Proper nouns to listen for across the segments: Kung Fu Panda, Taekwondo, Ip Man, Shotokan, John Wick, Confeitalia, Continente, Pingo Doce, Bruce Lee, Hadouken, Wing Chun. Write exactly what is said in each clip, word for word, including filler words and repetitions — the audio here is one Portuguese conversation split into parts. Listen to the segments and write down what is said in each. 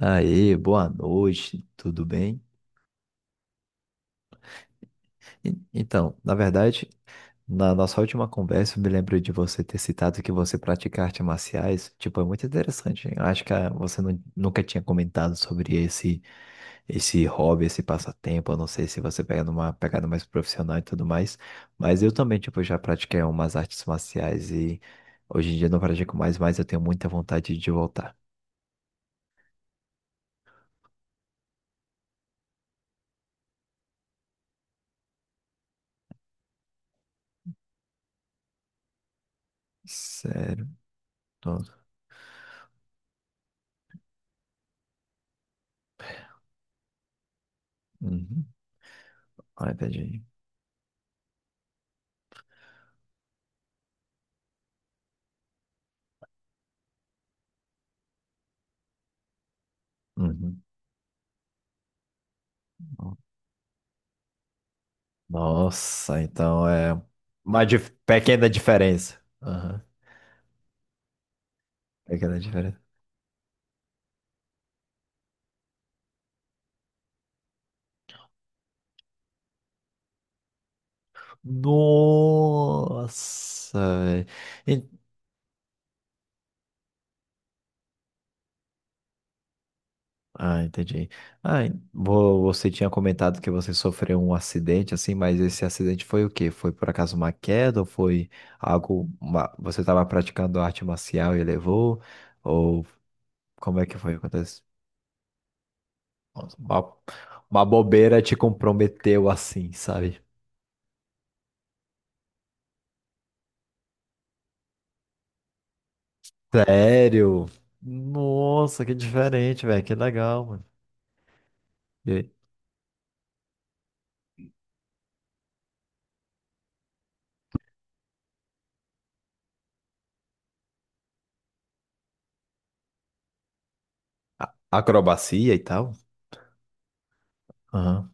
Aê, boa noite, tudo bem? E- Então, na verdade, na nossa última conversa, eu me lembro de você ter citado que você pratica artes marciais. Tipo, é muito interessante. Eu acho que ah, você nu- nunca tinha comentado sobre esse, esse hobby, esse passatempo. Eu não sei se você pega numa pegada mais profissional e tudo mais. Mas eu também, tipo, já pratiquei umas artes marciais e hoje em dia eu não pratico mais, mas eu tenho muita vontade de voltar. Sério, todo. Uhum. Ai, tadinho. Uhum. Nossa, então é uma dif- pequena diferença. Aham, pequena diferença. Nossa, velho. En- Ah, entendi. Ah, en- vo- você tinha comentado que você sofreu um acidente, assim, mas esse acidente foi o quê? Foi por acaso uma queda ou foi algo... uma- Você estava praticando arte marcial e levou? Ou como é que foi? Acontece? Nossa, Uma, uma bobeira te comprometeu assim, sabe? Sério? Nossa, que diferente, velho. Que legal, mano. E aí? Acrobacia e tal. Aham.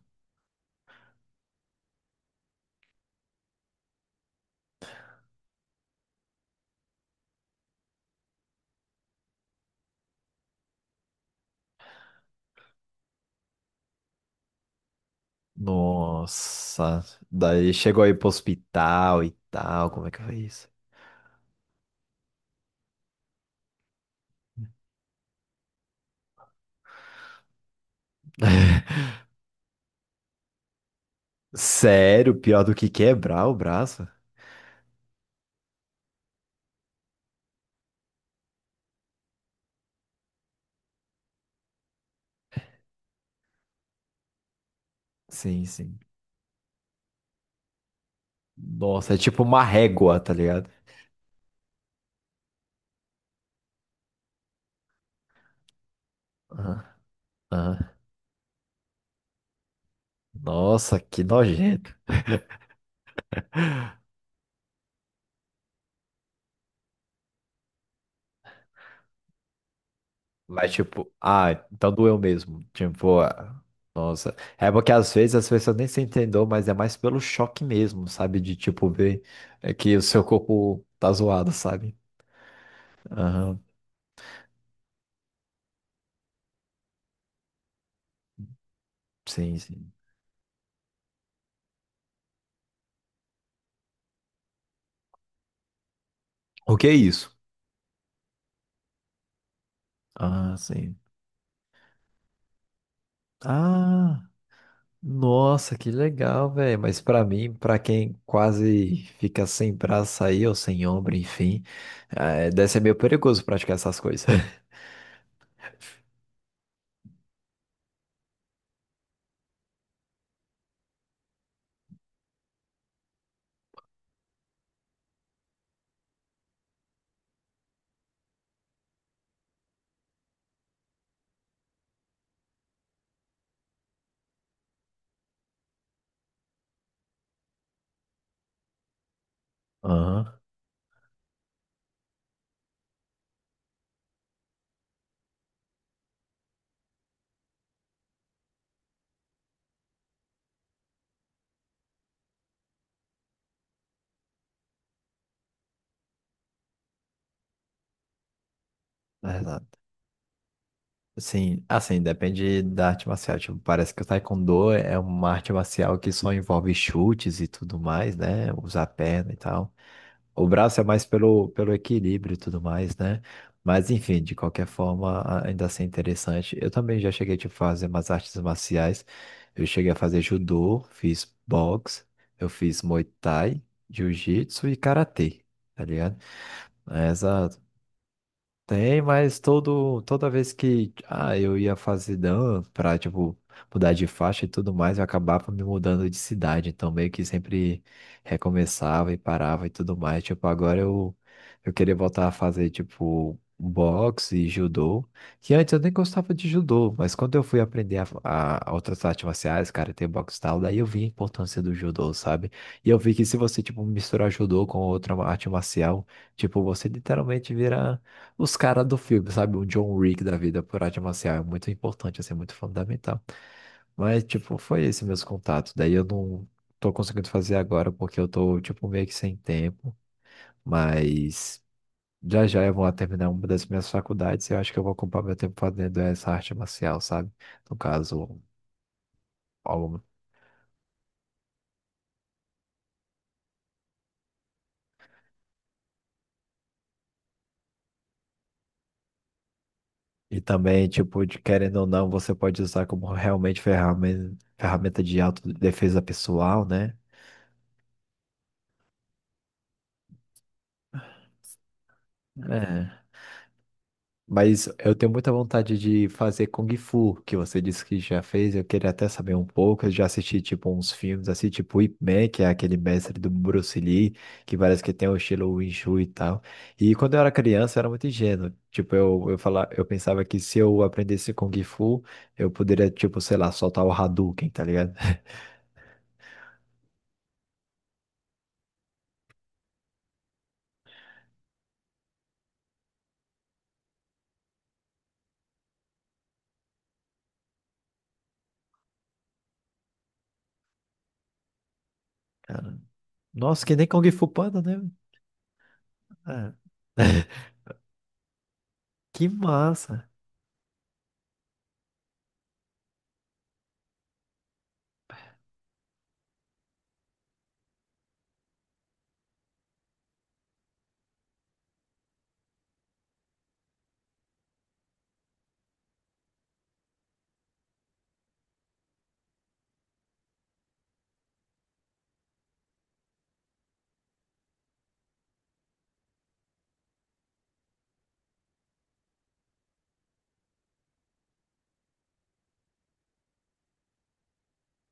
Nossa. Daí chegou aí pro hospital e tal. Como é que foi isso? Sério, pior do que quebrar o braço? Sim, sim. Nossa, é tipo uma régua, tá ligado? Aham, aham. Nossa, que nojento. Mas, tipo, ah, então doeu mesmo. Tipo, ah, nossa. É porque às vezes as pessoas nem se entendeu, mas é mais pelo choque mesmo, sabe? De, tipo, ver é, que o seu corpo tá zoado, sabe? Aham, sim, sim. O que é isso? Ah, sim. Ah, nossa, que legal, velho. Mas pra mim, pra quem quase fica sem braço aí, ou sem ombro, enfim, é, deve ser meio perigoso praticar essas coisas. Aham, é verdade. Sim, assim, depende da arte marcial. Tipo, parece que o Taekwondo é uma arte marcial que só envolve chutes e tudo mais, né? Usar a perna e tal. O braço é mais pelo, pelo equilíbrio e tudo mais, né? Mas enfim, de qualquer forma, a- ainda assim é interessante. Eu também já cheguei tipo, a fazer umas artes marciais. Eu cheguei a fazer judô, fiz boxe, eu fiz muay thai, jiu-jitsu e karatê, tá ligado? Essa, tem, mas todo, toda vez que ah, eu ia fazer dan pra, tipo, mudar de faixa e tudo mais, eu acabava me mudando de cidade. Então, meio que sempre recomeçava e parava e tudo mais. Tipo, agora eu, eu queria voltar a fazer, tipo, boxe e judô. Que antes eu nem gostava de judô, mas quando eu fui aprender a, a outras artes marciais, cara, tem boxe e tal, daí eu vi a importância do judô, sabe? E eu vi que se você, tipo, misturar judô com outra arte marcial, tipo, você literalmente vira os caras do filme, sabe? O John Wick da vida por arte marcial é muito importante, assim, é muito fundamental. Mas, tipo, foi esse meus contatos. Daí eu não tô conseguindo fazer agora porque eu tô, tipo, meio que sem tempo. Mas já já eu vou terminar uma das minhas faculdades e eu acho que eu vou ocupar meu tempo fazendo essa arte marcial, sabe? No caso, alguma. E também, tipo, de querendo ou não, você pode usar como realmente ferramenta, ferramenta de autodefesa pessoal, né? Mas eu tenho muita vontade de fazer Kung Fu, que você disse que já fez. Eu queria até saber um pouco. Eu já assisti, tipo, uns filmes assim, tipo Ip Man, que é aquele mestre do Bruce Lee, que parece que tem o estilo Wing Chun e tal. E quando eu era criança, eu era muito ingênuo. Tipo, eu, eu, falava, eu pensava que se eu aprendesse Kung Fu, eu poderia, tipo, sei lá, soltar o Hadouken, tá ligado? Nossa, que nem Kung Fu Panda, né? Ah, que massa!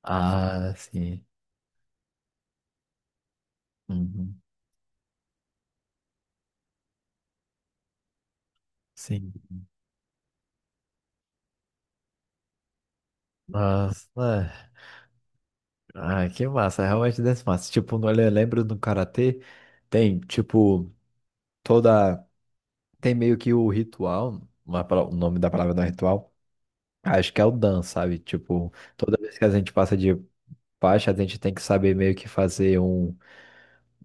Ah, sim. Uhum. Sim. Nossa, é. Ah, que massa, realmente desse massa. Tipo, no- eu lembro do karatê, tem, tipo, toda. Tem meio que o ritual, uma pala- o nome da palavra não é ritual, acho que é o dan, sabe? Tipo, toda vez que a gente passa de faixa, a gente tem que saber meio que fazer um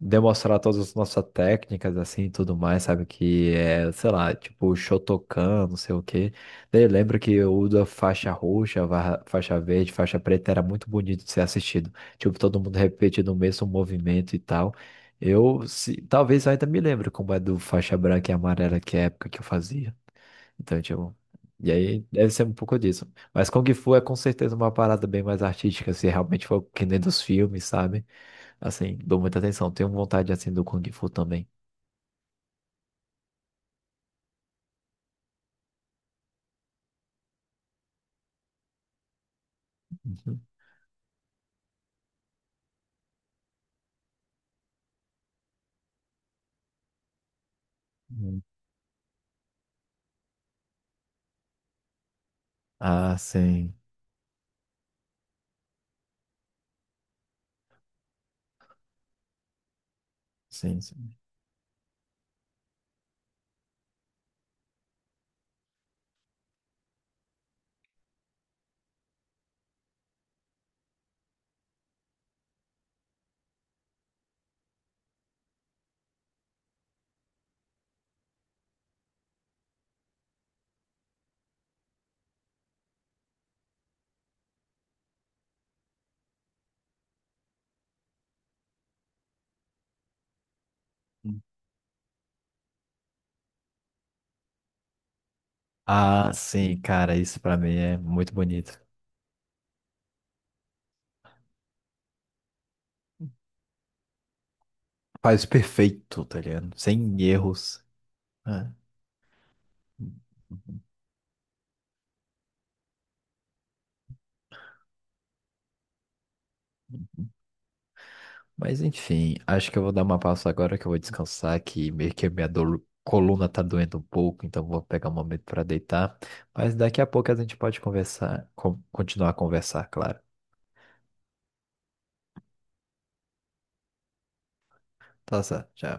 demonstrar todas as nossas técnicas, assim, e tudo mais, sabe? Que é, sei lá, tipo, Shotokan, não sei o quê. Daí lembro que o da faixa roxa, va- faixa verde, faixa preta era muito bonito de ser assistido. Tipo, todo mundo repetindo o mesmo movimento e tal. Eu, se, talvez eu ainda me lembro como é do faixa branca e amarela, que é a época que eu fazia. Então, tipo... E aí, deve ser um pouco disso. Mas Kung Fu é com certeza uma parada bem mais artística, se realmente for que nem dos filmes, sabe? Assim, dou muita atenção. Tenho vontade, assim, do Kung Fu também. Uhum. Hum. Ah, sim. Sim, sim. Uhum. Ah, sim, cara, isso pra mim é muito bonito. Faz perfeito, tá ligado? Sem erros. É. Mas enfim, acho que eu vou dar uma pausa agora que eu vou descansar, que meio que minha dor- coluna tá doendo um pouco, então vou pegar um momento pra deitar. Mas daqui a pouco a gente pode conversar, con- continuar a conversar, claro. Tá certo, tchau.